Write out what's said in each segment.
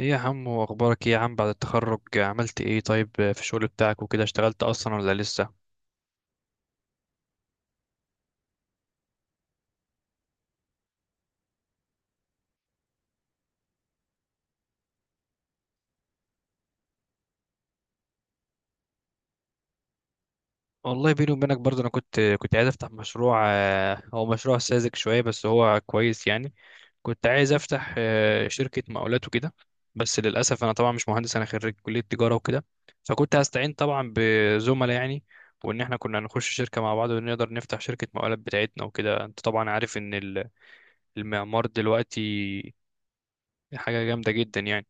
ايه يا عم؟ واخبارك ايه يا عم؟ بعد التخرج عملت ايه؟ طيب في الشغل بتاعك وكده اشتغلت اصلا ولا لسه؟ والله بيني وبينك برضه انا كنت عايز افتح مشروع، هو مشروع ساذج شويه بس هو كويس يعني. كنت عايز افتح شركه مقاولات وكده. بس للاسف انا طبعا مش مهندس، انا خريج كليه تجاره وكده. فكنت هستعين طبعا بزملاء يعني، وان احنا كنا هنخش شركه مع بعض، ونقدر نفتح شركه مقاولات بتاعتنا وكده. انت طبعا عارف ان المعمار دلوقتي حاجه جامده جدا يعني.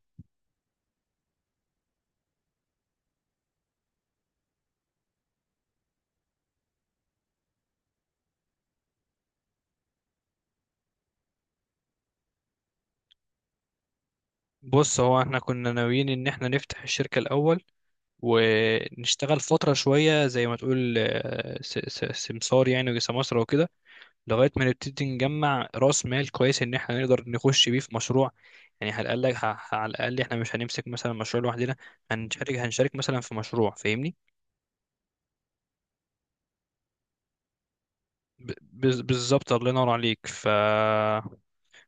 بص، هو احنا كنا ناويين ان احنا نفتح الشركة الاول، ونشتغل فترة شوية زي ما تقول سمسار يعني، وسمسرة وكده، لغاية ما نبتدي نجمع راس مال كويس ان احنا نقدر نخش بيه في مشروع. يعني على الاقل على الاقل احنا مش هنمسك مثلا مشروع لوحدنا، هنشارك مثلا في مشروع، فاهمني؟ بالظبط، الله ينور عليك. ف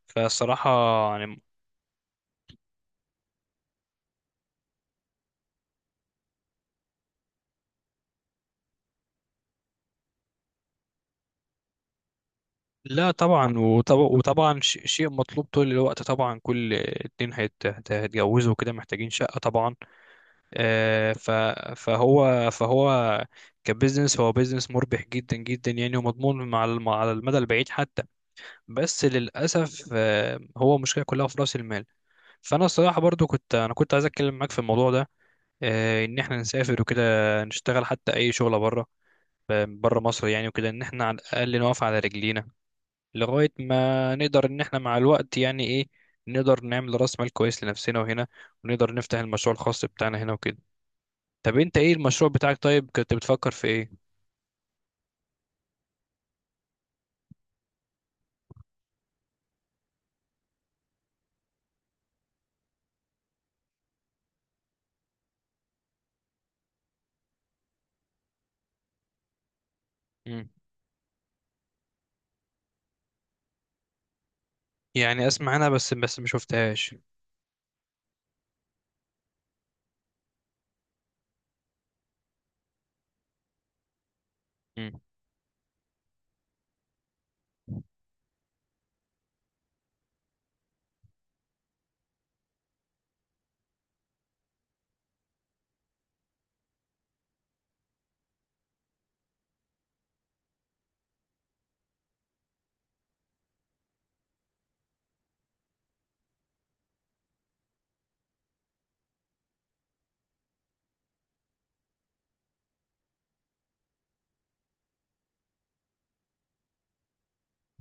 فالصراحة يعني، لا طبعا وطبعا شيء مطلوب طول الوقت طبعا، كل اتنين هيتجوزوا كده محتاجين شقة طبعا. آه، ف- فهو فهو كبزنس، هو بزنس مربح جدا جدا يعني، ومضمون مع على المدى البعيد حتى. بس للأسف هو مشكلة كلها في رأس المال. فأنا الصراحة برضو كنت عايز أتكلم معاك في الموضوع ده. إن إحنا نسافر وكده، نشتغل حتى أي شغلة بره، بره مصر يعني وكده، إن إحنا على الأقل نقف على رجلينا، لغاية ما نقدر إن إحنا مع الوقت يعني إيه، نقدر نعمل رأس مال كويس لنفسنا وهنا، ونقدر نفتح المشروع الخاص بتاعنا هنا وكده. طب أنت إيه المشروع بتاعك؟ طيب كنت بتفكر في إيه؟ مم. يعني أسمع أنا بس ما شفتهاش. مم.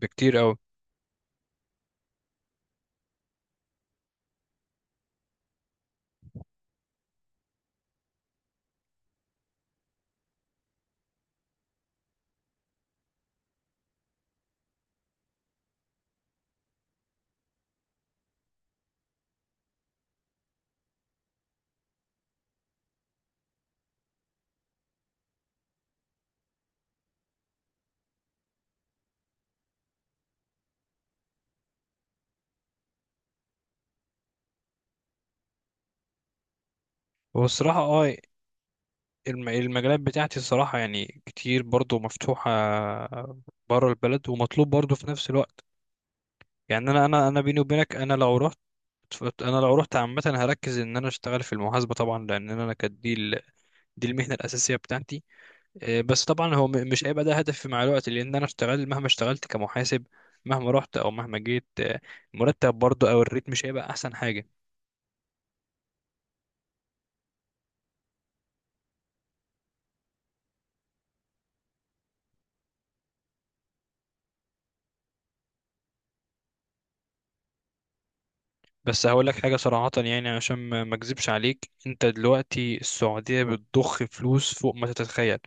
بكتير أوي. هو الصراحة أه، المجالات بتاعتي الصراحة يعني كتير برضو مفتوحة بره البلد، ومطلوب برضو في نفس الوقت يعني. أنا بيني وبينك، أنا لو رحت عامة هركز إن أنا أشتغل في المحاسبة طبعا، لأن أنا كدي دي المهنة الأساسية بتاعتي. بس طبعا هو مش هيبقى ده هدفي مع الوقت، لأن أنا اشتغل مهما اشتغلت كمحاسب، مهما رحت أو مهما جيت، المرتب برضه أو الريت مش هيبقى أحسن حاجة. بس هقول لك حاجة صراحة يعني عشان ما أكذبش عليك، أنت دلوقتي السعودية بتضخ فلوس فوق ما تتخيل.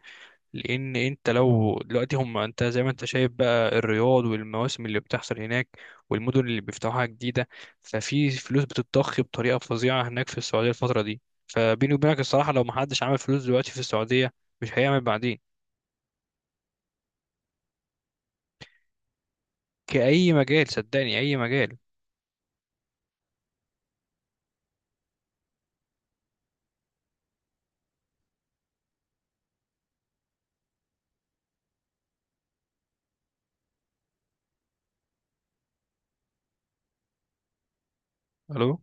لان انت لو دلوقتي هم، انت زي ما انت شايف بقى الرياض والمواسم اللي بتحصل هناك، والمدن اللي بيفتحوها جديده، ففي فلوس بتتضخ بطريقه فظيعه هناك في السعوديه الفتره دي. فبيني وبينك الصراحه، لو محدش عمل فلوس دلوقتي في السعوديه مش هيعمل بعدين. كأي مجال، صدقني، أي مجال. ألو.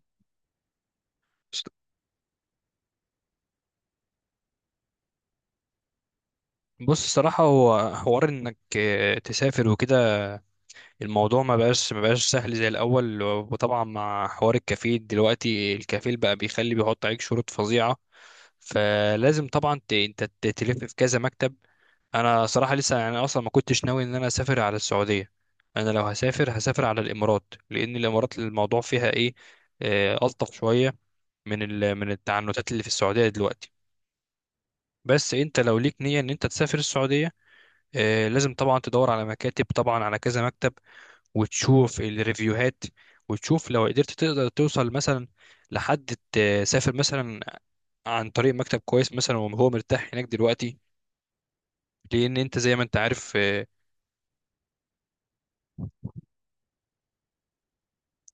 بص، الصراحة هو حوار إنك تسافر وكده، الموضوع ما بقاش سهل زي الأول، وطبعا مع حوار الكفيل دلوقتي، الكفيل بقى بيخلي، بيحط عليك شروط فظيعة، فلازم طبعا انت تلف في كذا مكتب. انا صراحه لسه يعني اصلا ما كنتش ناوي ان انا اسافر على السعوديه. انا لو هسافر هسافر على الامارات، لان الامارات الموضوع فيها ايه، الطف شويه من من التعنتات اللي في السعوديه دلوقتي. بس انت لو ليك نيه ان انت تسافر السعوديه، لازم طبعا تدور على مكاتب، طبعا على كذا مكتب، وتشوف الريفيوهات، وتشوف لو قدرت تقدر توصل مثلا لحد تسافر مثلا عن طريق مكتب كويس مثلا وهو مرتاح هناك دلوقتي، لان انت زي ما انت عارف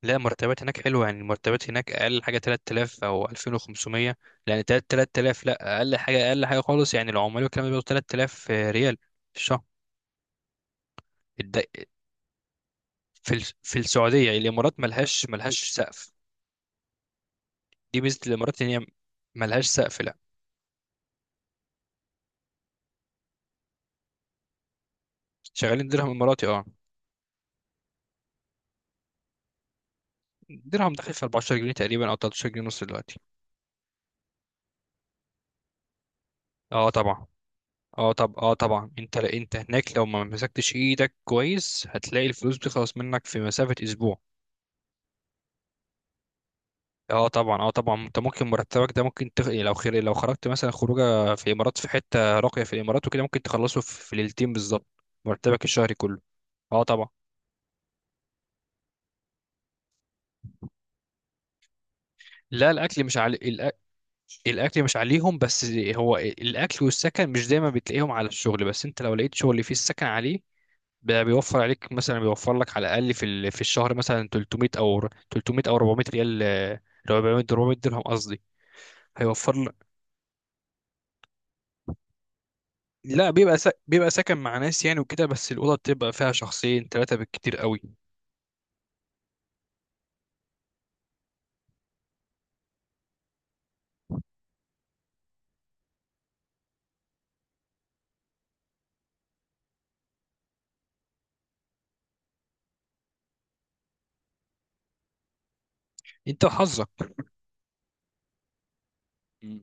لا، مرتبات هناك حلوه يعني. المرتبات هناك اقل حاجه 3000 او 2500. لان 3000، لا اقل حاجه، اقل حاجه خالص يعني، العمال والكلام ده بياخدوا 3000 ريال في الشهر. الد- في في السعوديه يعني. الامارات ملهاش سقف، دي ميزه الامارات ان هي ملهاش سقف لا. شغالين درهم اماراتي اه. درهم داخل في 14 جنيه تقريبا، او 13 جنيه ونص دلوقتي. اه طبعا. اه طب اه طبعا، انت هناك لو ما مسكتش ايدك كويس هتلاقي الفلوس بتخلص منك في مسافه اسبوع. اه طبعا، اه طبعا، انت ممكن مرتبك ده ممكن تخ، يعني لو خير لو خرجت مثلا خروجه في الامارات في حته راقيه في الامارات وكده، ممكن تخلصه في في ليلتين بالظبط، مرتبك الشهري كله. اه طبعا. لا الاكل مش علي، الأ، الاكل مش عليهم بس، هو الاكل والسكن مش دايما بتلاقيهم على الشغل، بس انت لو لقيت شغل فيه السكن عليه بقى بيوفر عليك، مثلا بيوفر لك على الاقل في في الشهر مثلا 300 او 400 ريال، 400 درهم قصدي، هيوفر. لا بيبقى بيبقى ساكن مع ناس يعني وكده، بس الأوضة بتبقى فيها شخصين ثلاثة بالكتير قوي. انت وحظك. مم.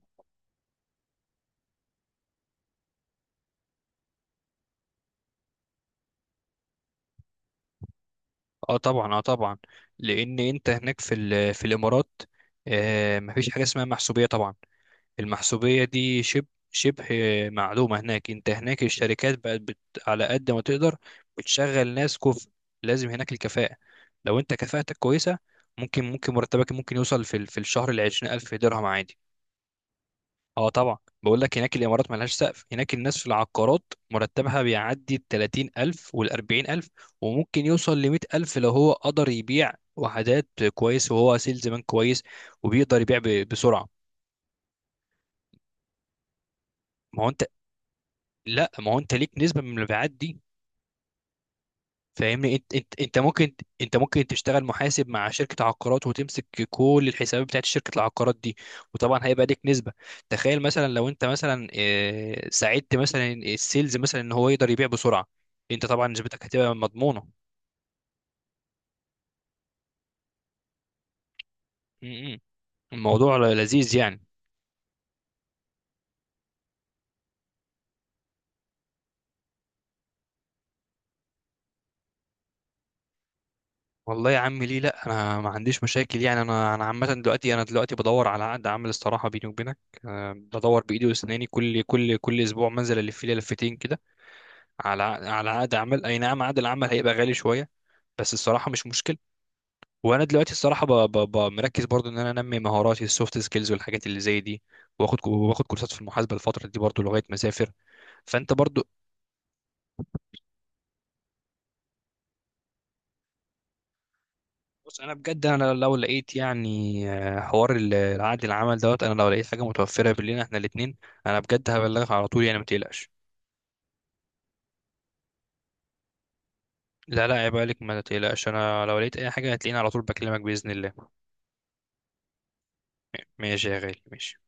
اه طبعا، اه طبعا، لان انت هناك في في الامارات، آه، مفيش حاجه اسمها محسوبيه طبعا. المحسوبيه دي شبه معدومه هناك. انت هناك الشركات بقت بت، على قد ما تقدر بتشغل ناس كفء، لازم هناك الكفاءه. لو انت كفاءتك كويسه، ممكن مرتبك ممكن يوصل في في الشهر ل 20000 درهم عادي. اه طبعا. بقول لك هناك الامارات ملهاش سقف، هناك الناس في العقارات مرتبها بيعدي ال 30000 وال 40000، وممكن يوصل ل 100000 لو هو قدر يبيع وحدات كويس، وهو سيلز مان كويس وبيقدر يبيع بسرعه. ما هو انت، لا ما هو انت ليك نسبه من المبيعات دي، فاهمني؟ انت ممكن، انت ممكن تشتغل محاسب مع شركه عقارات وتمسك كل الحسابات بتاعت شركه العقارات دي، وطبعا هيبقى ليك نسبه. تخيل مثلا لو انت مثلا ساعدت مثلا السيلز مثلا ان هو يقدر يبيع بسرعه، انت طبعا نسبتك هتبقى مضمونه. م- م. الموضوع لذيذ يعني. والله يا عم ليه لا، انا ما عنديش مشاكل يعني. انا انا عامه دلوقتي، انا دلوقتي بدور على عقد عمل الصراحه بيني وبينك. بدور بايدي واسناني، كل اسبوع منزل الف لي لفتين كده على على عقد عمل. اي نعم عقد العمل هيبقى غالي شويه، بس الصراحه مش مشكل. وانا دلوقتي الصراحه مركز برضو ان انا انمي مهاراتي السوفت سكيلز والحاجات اللي زي دي، واخد كورسات في المحاسبه الفتره دي برضو لغايه ما اسافر. فانت برضو، بص انا بجد انا لو لقيت يعني، حوار العقد العمل دوت، انا لو لقيت حاجه متوفره بيننا احنا الاثنين، انا بجد هبلغك على طول يعني ما تقلقش. لا لا عيب عليك، ما تقلقش، انا لو لقيت اي حاجه هتلاقيني على طول بكلمك باذن الله. ماشي يا غالي، ماشي.